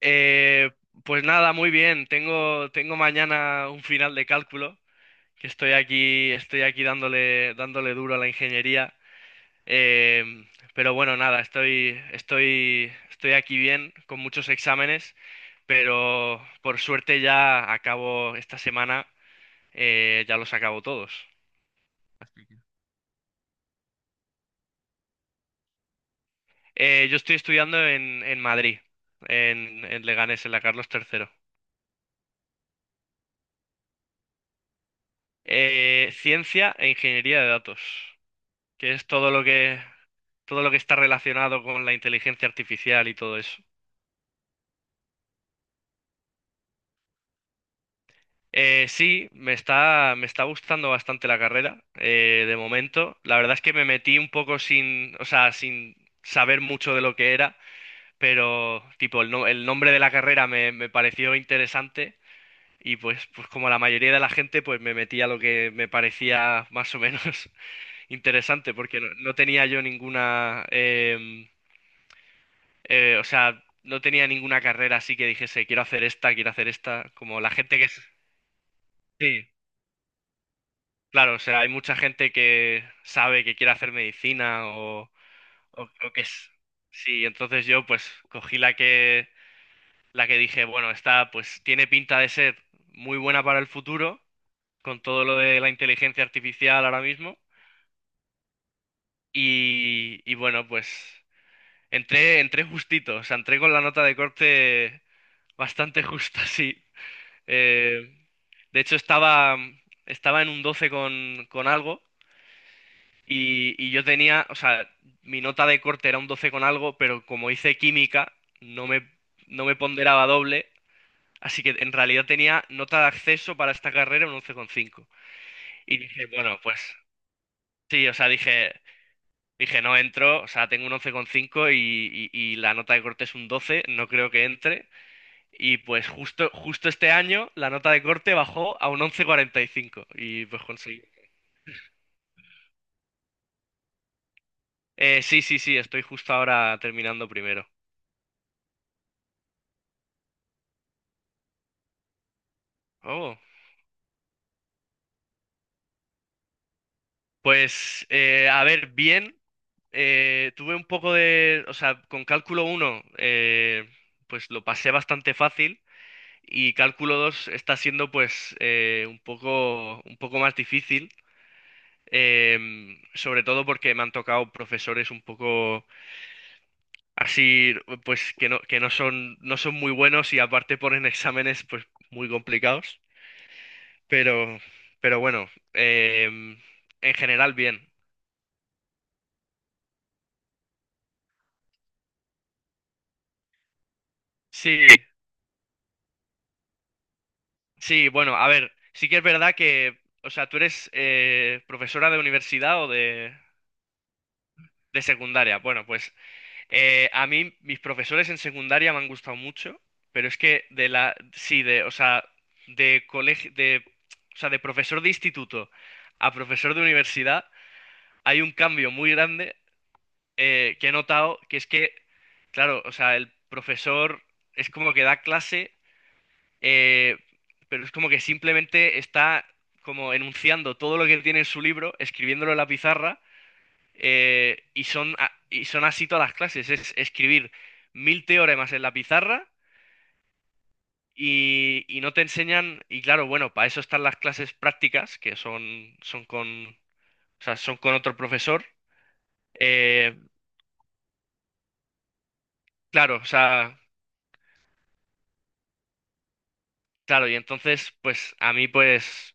Eh, pues nada, muy bien. Tengo mañana un final de cálculo, que estoy aquí dándole duro a la ingeniería. Eh, pero bueno, nada, estoy aquí bien, con muchos exámenes, pero por suerte ya acabo esta semana, ya los acabo todos. Yo estoy estudiando en Madrid, en Leganés, en la Carlos III. Ciencia e ingeniería de datos. Que es todo lo que Todo lo que está relacionado con la inteligencia artificial y todo eso. Sí, me está gustando bastante la carrera, de momento. La verdad es que me metí un poco sin, o sea, sin saber mucho de lo que era, pero tipo, el, no- el nombre de la carrera me pareció interesante y pues como la mayoría de la gente, pues me metí a lo que me parecía más o menos interesante, porque no tenía yo ninguna o sea, no tenía ninguna carrera así que dijese, quiero hacer esta, como la gente que... Sí, claro, o sea, hay mucha gente que sabe que quiere hacer medicina o que es... Sí, entonces yo pues cogí la que, dije, bueno, esta pues tiene pinta de ser muy buena para el futuro, con todo lo de la inteligencia artificial ahora mismo, y bueno, pues entré justito, o sea, entré con la nota de corte bastante justa, sí. Eh, de hecho, estaba en un 12 con algo y yo tenía, o sea, mi nota de corte era un 12 con algo, pero como hice química, no me, no me ponderaba doble, así que en realidad tenía nota de acceso para esta carrera un 11,5. Y dije, bueno, pues sí, o sea, dije, no entro, o sea, tengo un 11,5 y la nota de corte es un 12, no creo que entre. Y pues justo este año la nota de corte bajó a un once coma cuarenta y cinco y pues conseguí. Sí, sí, sí, estoy justo ahora terminando primero. Oh, pues a ver, bien, tuve un poco de, o sea, con cálculo uno pues lo pasé bastante fácil y cálculo 2 está siendo pues un poco más difícil, sobre todo porque me han tocado profesores un poco así pues que no son muy buenos y aparte ponen exámenes pues muy complicados. Pero, pero bueno, en general bien. Sí, sí, bueno, a ver, sí que es verdad que, o sea, tú eres profesora de universidad o de secundaria. Bueno, pues a mí mis profesores en secundaria me han gustado mucho, pero es que de la, sí, de, o sea, de colegio, de, o sea, de profesor de instituto a profesor de universidad. Hay un cambio muy grande, que he notado, que es que, claro, o sea, el profesor es como que da clase, eh, pero es como que simplemente está como enunciando todo lo que tiene en su libro, escribiéndolo en la pizarra, y son así todas las clases, es escribir mil teoremas en la pizarra. Y no te enseñan, y claro, bueno, para eso están las clases prácticas, que son con, o sea, son con otro profesor, eh, claro, o sea, claro, y entonces, pues a mí, pues,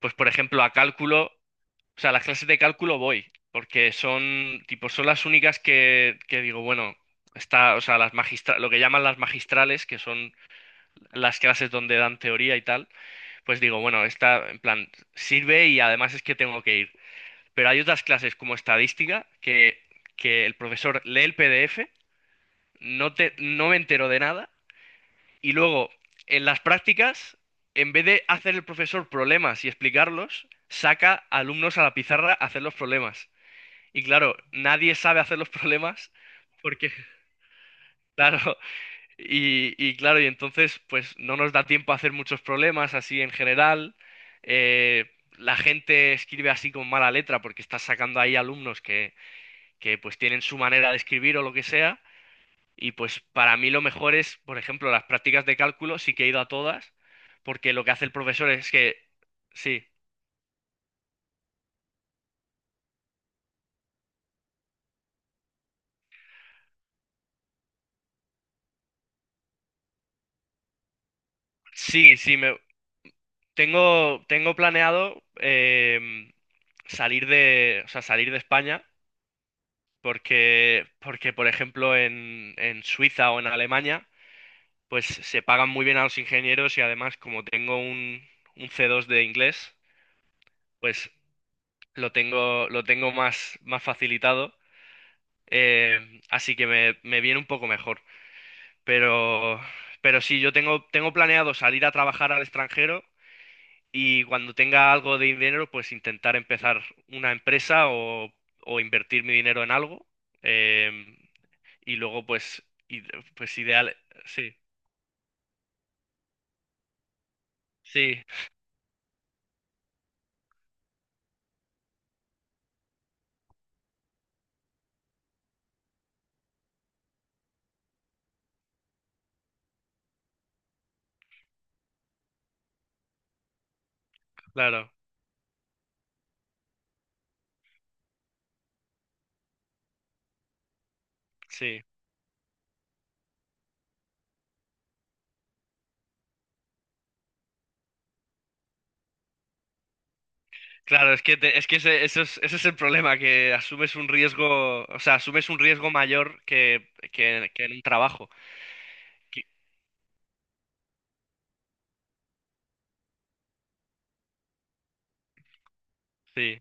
pues por ejemplo, a cálculo, o sea, las clases de cálculo voy, porque son, tipo, son las únicas que digo, bueno, está, o sea, lo que llaman las magistrales, que son las clases donde dan teoría y tal, pues digo, bueno, esta, en plan, sirve y además es que tengo que ir. Pero hay otras clases como estadística, que el profesor lee el PDF, no me entero de nada. Y luego, en las prácticas, en vez de hacer el profesor problemas y explicarlos, saca alumnos a la pizarra a hacer los problemas. Y claro, nadie sabe hacer los problemas porque, claro, y claro, y entonces pues no nos da tiempo a hacer muchos problemas así en general. Eh, la gente escribe así con mala letra porque está sacando ahí alumnos que pues tienen su manera de escribir o lo que sea. Y pues para mí lo mejor es, por ejemplo, las prácticas de cálculo, sí que he ido a todas, porque lo que hace el profesor es que, sí, sí, sí, tengo planeado salir de, o sea, salir de España, porque por ejemplo, en Suiza o en Alemania, pues se pagan muy bien a los ingenieros y además como tengo un C2 de inglés, pues lo tengo más facilitado, así que me viene un poco mejor. Pero, pero sí, yo tengo planeado salir a trabajar al extranjero y cuando tenga algo de dinero, pues intentar empezar una empresa o invertir mi dinero en algo. em, y luego, pues, pues ideal. Sí, sí, claro, sí. Claro, es que ese es el problema, que asumes un riesgo, o sea, asumes un riesgo mayor que en un trabajo. Que- Sí,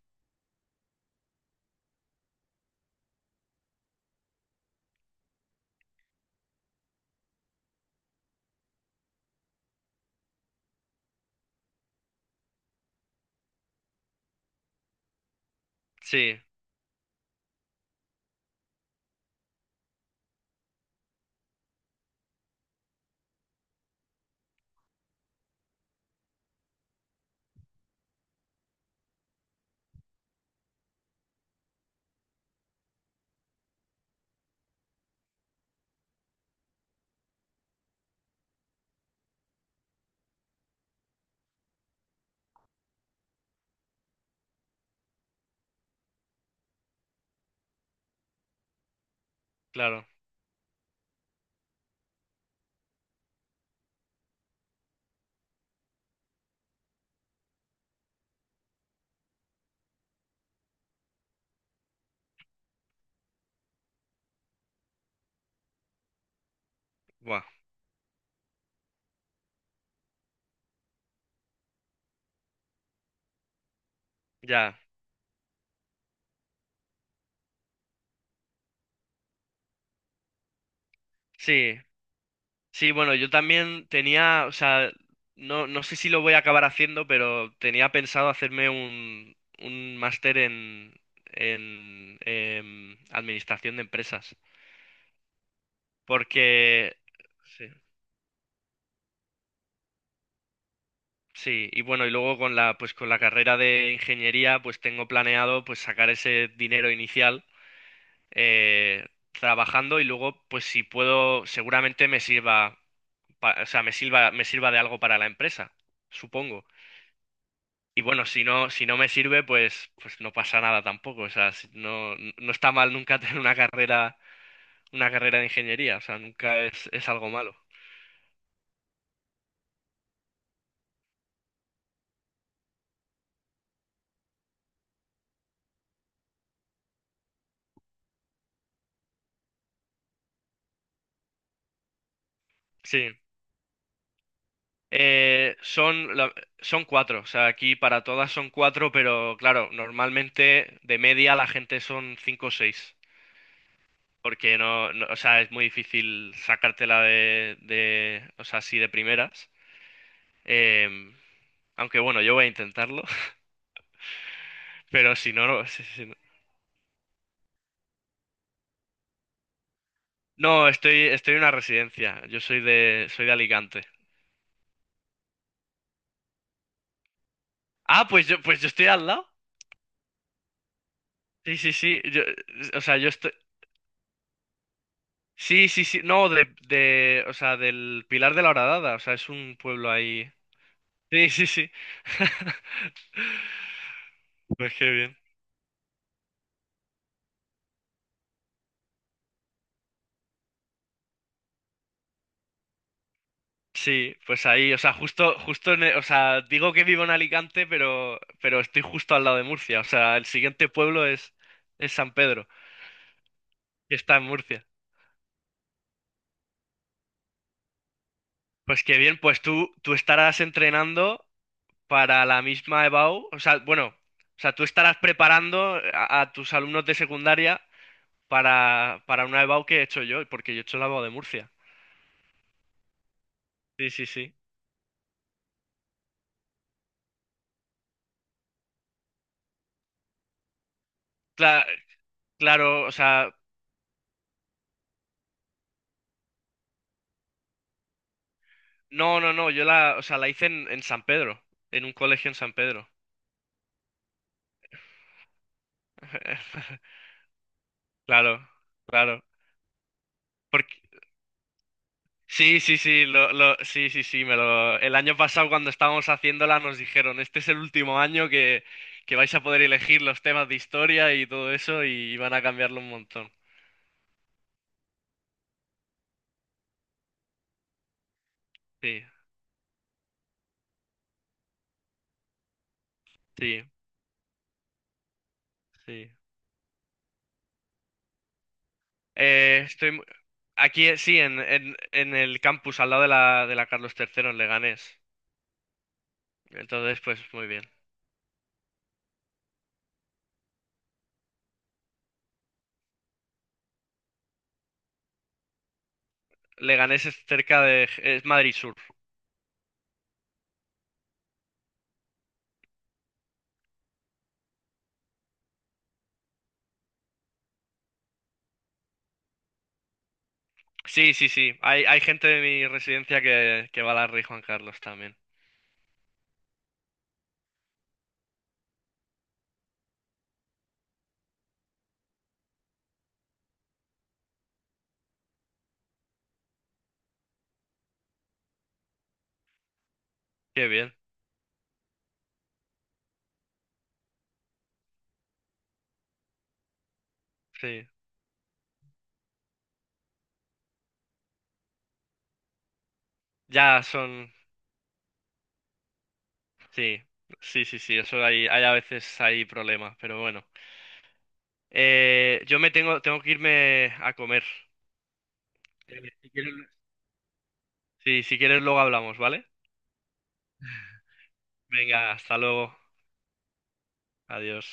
sí, claro. Buah, ya. Sí. Sí, bueno, yo también tenía, o sea, no sé si lo voy a acabar haciendo, pero tenía pensado hacerme un máster en administración de empresas. Porque, sí, sí, y bueno, y luego con la, pues con la carrera de ingeniería, pues tengo planeado pues sacar ese dinero inicial eh, trabajando y luego, pues si puedo, seguramente me sirva, o sea, me sirva de algo para la empresa, supongo. Y bueno, si no me sirve, pues no pasa nada tampoco. O sea, no, no está mal nunca tener una carrera de ingeniería. O sea, nunca es algo malo. Sí. Eh, son, la- son cuatro. O sea, aquí para todas son cuatro, pero claro, normalmente de media la gente son cinco o seis. Porque o sea, es muy difícil sacártela o sea, así de primeras. Em, Aunque bueno, yo voy a intentarlo. Pero si no, no. No, estoy en una residencia. Yo soy de Alicante. Ah, pues yo estoy al lado. Sí, sí, sí. Yo, o sea, yo estoy. Sí, sí, sí. No, o sea, del Pilar de la Horadada. O sea, es un pueblo ahí. Sí, sí, sí. Pues qué bien. Sí, pues ahí, o sea, justo en, o sea, digo que vivo en Alicante, pero estoy justo al lado de Murcia. O sea, el siguiente pueblo es San Pedro, que está en Murcia. Pues qué bien, pues tú estarás entrenando para la misma EBAU, o sea, bueno, o sea, tú estarás preparando a tus alumnos de secundaria para una EBAU que he hecho yo, porque yo he hecho la EBAU de Murcia. Sí, sí, sí. Cla- claro, o sea, no, no, no, yo la, o sea, la hice en San Pedro, en un colegio en San Pedro. Claro, claro. Sí, sí, sí, sí, sí, sí, me lo, el año pasado cuando estábamos haciéndola nos dijeron, este es el último año que vais a poder elegir los temas de historia y todo eso y van a cambiarlo un montón. Sí, sí, sí. Eh, estoy mu- Aquí, sí, en el campus, al lado de la Carlos III, en Leganés. Entonces, pues muy bien. Leganés es Madrid Sur. Sí, sí, sí, hay gente de mi residencia que va a la Rey Juan Carlos también. Qué bien, sí. Ya son... Sí, sí, sí, sí, eso hay, hay a veces hay problemas, pero bueno. Yo tengo que irme a comer. Si quieres... Sí, si quieres luego hablamos, ¿vale? Venga, hasta luego. Adiós.